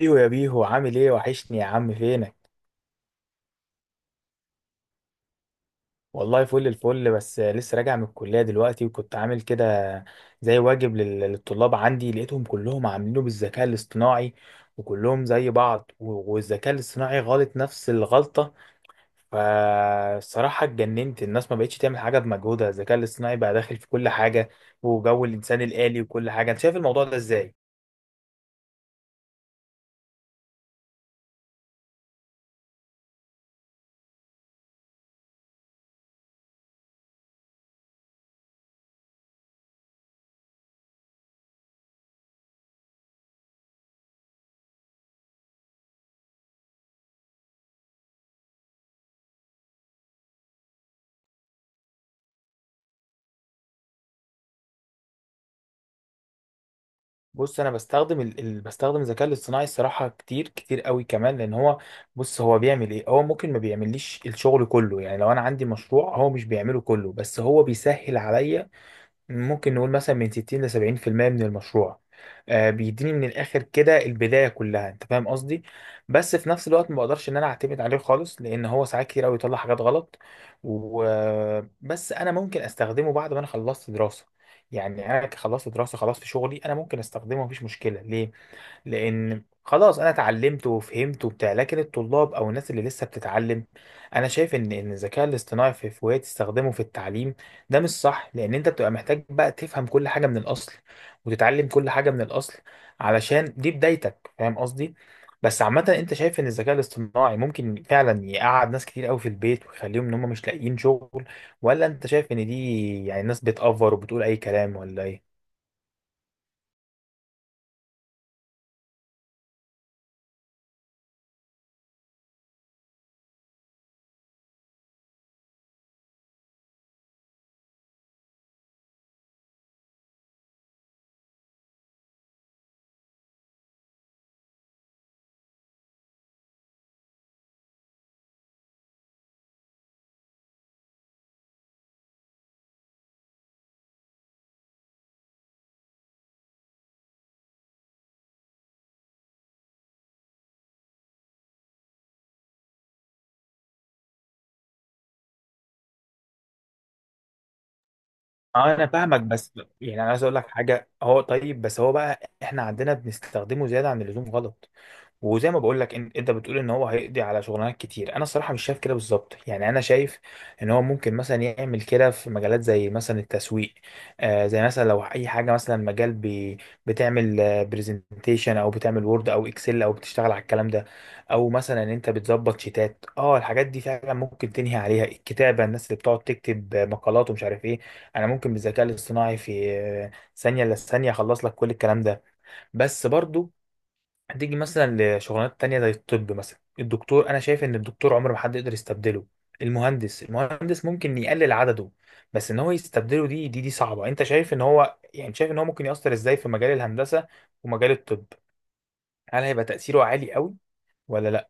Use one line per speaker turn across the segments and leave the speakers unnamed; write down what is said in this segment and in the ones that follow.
ايوه يا بيهو، عامل ايه؟ وحشني يا عم، فينك؟ والله فل الفل، بس لسه راجع من الكلية دلوقتي وكنت عامل كده زي واجب للطلاب عندي، لقيتهم كلهم عاملينه بالذكاء الاصطناعي وكلهم زي بعض، والذكاء الاصطناعي غلط نفس الغلطة. فالصراحة اتجننت، الناس ما بقتش تعمل حاجة بمجهودها، الذكاء الاصطناعي بقى داخل في كل حاجة وجو الإنسان الآلي وكل حاجة. انت شايف الموضوع ده ازاي؟ بص، انا بستخدم بستخدم الذكاء الاصطناعي الصراحه كتير كتير قوي كمان، لان هو، بص، هو بيعمل ايه؟ هو ممكن ما بيعمليش الشغل كله، يعني لو انا عندي مشروع هو مش بيعمله كله، بس هو بيسهل عليا ممكن نقول مثلا من 60 ل 70% من المشروع. آه، بيديني من الاخر كده البدايه كلها، انت فاهم قصدي؟ بس في نفس الوقت ما بقدرش ان انا اعتمد عليه خالص، لان هو ساعات كتير قوي يطلع حاجات غلط. وبس انا ممكن استخدمه بعد ما انا خلصت دراسه، يعني انا خلصت دراسه خلاص، في شغلي انا ممكن استخدمه، مفيش مشكله ليه، لان خلاص انا اتعلمت وفهمت وبتاع. لكن الطلاب او الناس اللي لسه بتتعلم، انا شايف ان الذكاء الاصطناعي في وقت تستخدمه في التعليم ده مش صح، لان انت بتبقى محتاج بقى تفهم كل حاجه من الاصل وتتعلم كل حاجه من الاصل، علشان دي بدايتك، فاهم قصدي؟ بس عامة، انت شايف ان الذكاء الاصطناعي ممكن فعلا يقعد ناس كتير قوي في البيت ويخليهم ان هم مش لاقيين شغل، ولا انت شايف ان دي يعني ناس بتأفر وبتقول اي كلام ولا ايه؟ اه، انا فاهمك، بس يعني انا عايز اقول لك حاجه، هو طيب، بس هو بقى احنا عندنا بنستخدمه زياده عن اللزوم غلط. وزي ما بقول لك، انت بتقول ان هو هيقضي على شغلانات كتير، انا الصراحه مش شايف كده بالظبط. يعني انا شايف ان هو ممكن مثلا يعمل كده في مجالات زي مثلا التسويق. آه، زي مثلا لو اي حاجه، مثلا مجال بي، بتعمل آه، برزنتيشن او بتعمل وورد او اكسل او بتشتغل على الكلام ده، او مثلا ان انت بتظبط شيتات، اه، الحاجات دي فعلا ممكن تنهي عليها الكتابه. الناس اللي بتقعد تكتب آه، مقالات ومش عارف ايه، انا ممكن بالذكاء الاصطناعي في آه، ثانيه الا ثانيه اخلص لك كل الكلام ده. بس برضو هتيجي مثلا لشغلانات تانية زي الطب مثلا. الدكتور، انا شايف ان الدكتور عمر ما حد يقدر يستبدله. المهندس، المهندس ممكن يقلل عدده، بس ان هو يستبدله دي صعبة. انت شايف ان هو، يعني، شايف ان هو ممكن يأثر ازاي في مجال الهندسة ومجال الطب؟ هل هيبقى تأثيره عالي قوي ولا لا؟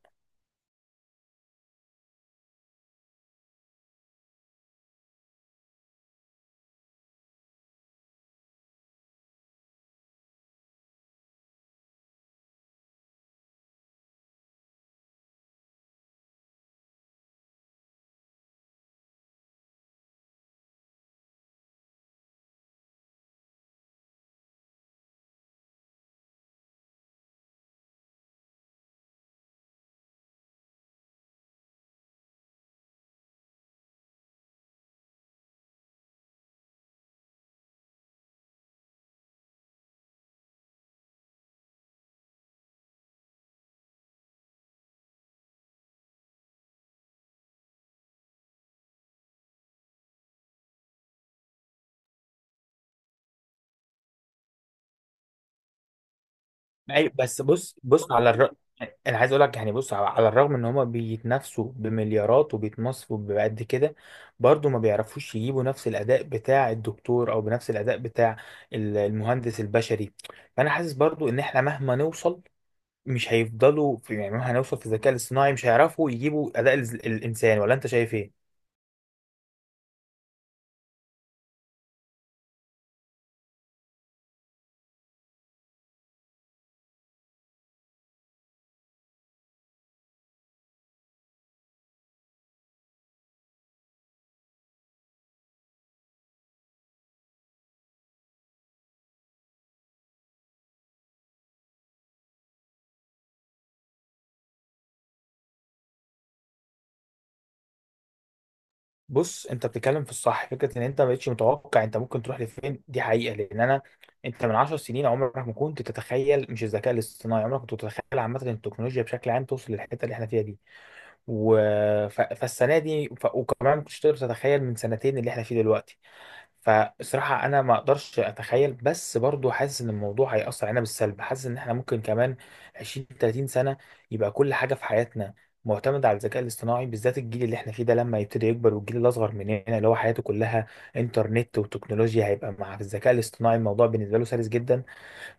أي، بس، بص بص على انا عايز اقول لك، يعني بص على الرغم ان هما بيتنافسوا بمليارات وبيتمصفوا بقد كده، برضو ما بيعرفوش يجيبوا نفس الاداء بتاع الدكتور او بنفس الاداء بتاع المهندس البشري. فانا حاسس برضو ان احنا مهما نوصل، مش هيفضلوا في، يعني مهما هنوصل في الذكاء الاصطناعي مش هيعرفوا يجيبوا اداء الانسان. ولا انت شايف ايه؟ بص، انت بتتكلم في الصح. فكره ان انت ما بقتش متوقع انت ممكن تروح لفين دي حقيقه، لان انا، انت من 10 سنين عمرك ما كنت تتخيل، مش الذكاء الاصطناعي، عمرك ما كنت تتخيل عامه ان التكنولوجيا بشكل عام توصل للحته اللي احنا فيها دي، و... فالسنه دي، وكمان ما كنتش تقدر تتخيل من سنتين اللي احنا فيه دلوقتي. فالصراحة أنا ما أقدرش أتخيل، بس برضو حاسس إن الموضوع هيأثر علينا بالسلب. حاسس إن إحنا ممكن كمان 20 30 سنة يبقى كل حاجة في حياتنا معتمدة على الذكاء الاصطناعي، بالذات الجيل اللي إحنا فيه ده لما يبتدي يكبر، والجيل الأصغر مننا اللي هو حياته كلها إنترنت وتكنولوجيا، هيبقى مع الذكاء الاصطناعي الموضوع بالنسبة له سلس جدا.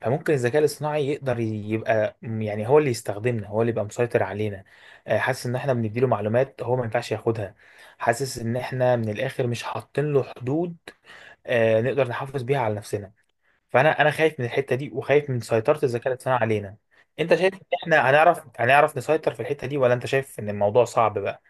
فممكن الذكاء الاصطناعي يقدر يبقى، يعني، هو اللي يستخدمنا، هو اللي يبقى مسيطر علينا. آه، حاسس إن إحنا بنديله معلومات هو ما ينفعش ياخدها، حاسس إن إحنا من الآخر مش حاطين له حدود آه، نقدر نحافظ بيها على نفسنا. فانا خايف من الحته دي وخايف من سيطره الذكاء الاصطناعي علينا. انت شايف ان احنا هنعرف نسيطر في الحته دي، ولا انت شايف ان الموضوع صعب بقى؟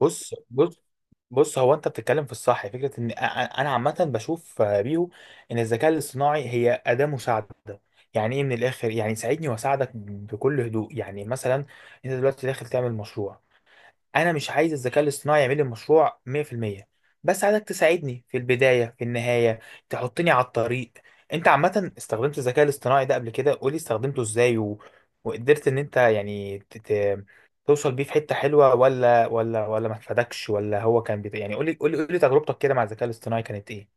بص بص بص، هو انت بتتكلم في الصح. فكره ان انا عامه بشوف آه، بيهو، ان الذكاء الاصطناعي هي اداه مساعده. يعني ايه من الاخر؟ يعني ساعدني واساعدك بكل هدوء. يعني مثلا انت دلوقتي داخل تعمل مشروع، انا مش عايز الذكاء الاصطناعي يعمل لي مشروع 100%، بس عايزك تساعدني في البدايه في النهايه، تحطني على الطريق. انت عامه استخدمت الذكاء الاصطناعي ده قبل كده؟ قولي استخدمته ازاي وقدرت ان انت يعني توصل بيه في حته حلوه، ولا ولا ما فادكش، ولا هو كان يعني قولي قولي قولي تجربتك كده مع الذكاء الاصطناعي كانت ايه؟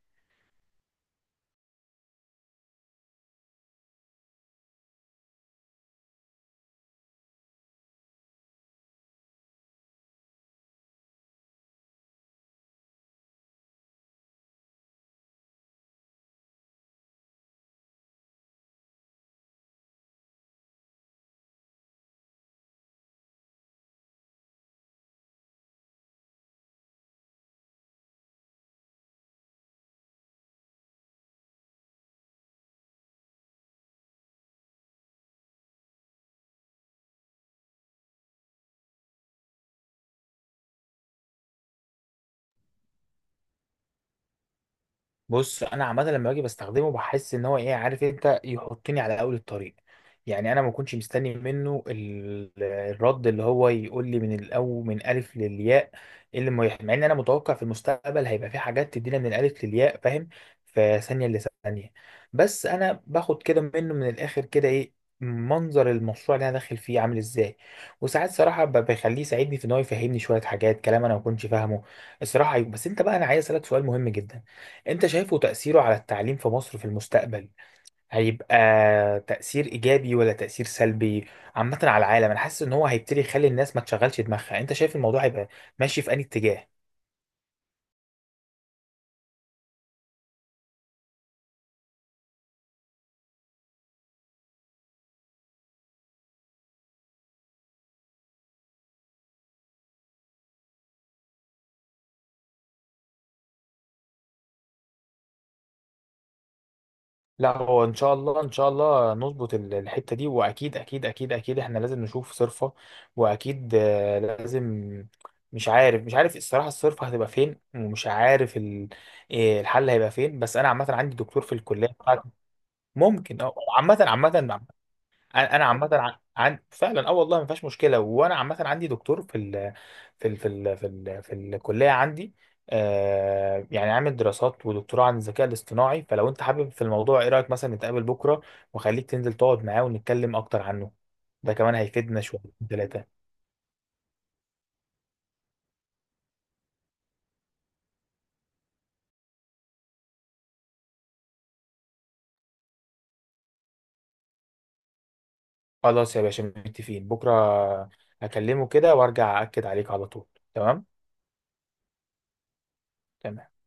بص، انا عامه لما باجي بستخدمه بحس ان هو ايه عارف انت، يحطني على اول الطريق. يعني انا ما كنتش مستني منه الرد اللي هو يقول لي من الاول من الف للياء. إيه اللي ما يح- مع ان انا متوقع في المستقبل هيبقى في حاجات تدينا من الالف للياء، فاهم؟ في ثانيه لثانيه. بس انا باخد كده منه من الاخر كده ايه؟ منظر المشروع اللي انا داخل فيه عامل ازاي. وساعات صراحه بخليه يساعدني في ان هو يفهمني شويه حاجات كلام انا ما كنتش فاهمه. الصراحه أيوة. بس انت بقى، انا عايز اسالك سؤال مهم جدا. انت شايفه تأثيره على التعليم في مصر في المستقبل هيبقى تأثير إيجابي ولا تأثير سلبي؟ عامة على العالم، انا حاسس ان هو هيبتدي يخلي الناس ما تشغلش دماغها. انت شايف الموضوع هيبقى ماشي في أي اتجاه؟ لا، هو ان شاء الله، ان شاء الله نظبط الحتة دي، واكيد اكيد اكيد اكيد احنا لازم نشوف صرفة. واكيد آه، لازم. مش عارف، مش عارف الصراحة الصرفة هتبقى فين، ومش عارف إيه الحل هيبقى فين. بس انا عامة عندي دكتور في الكلية بتاعتي. ممكن اه، عامة عامة. انا عامه فعلا اه، والله ما فيهاش مشكله. وانا عامه عندي دكتور في الكليه عندي، آه، يعني عامل دراسات ودكتوراه عن الذكاء الاصطناعي. فلو انت حابب في الموضوع، ايه رايك مثلا نتقابل بكره وخليك تنزل تقعد معاه ونتكلم اكتر عنه؟ ده كمان هيفيدنا شويتين ثلاثه. خلاص يا باشا، متفقين بكره، هكلمه كده وارجع اكد عليك على طول. تمام. تمام.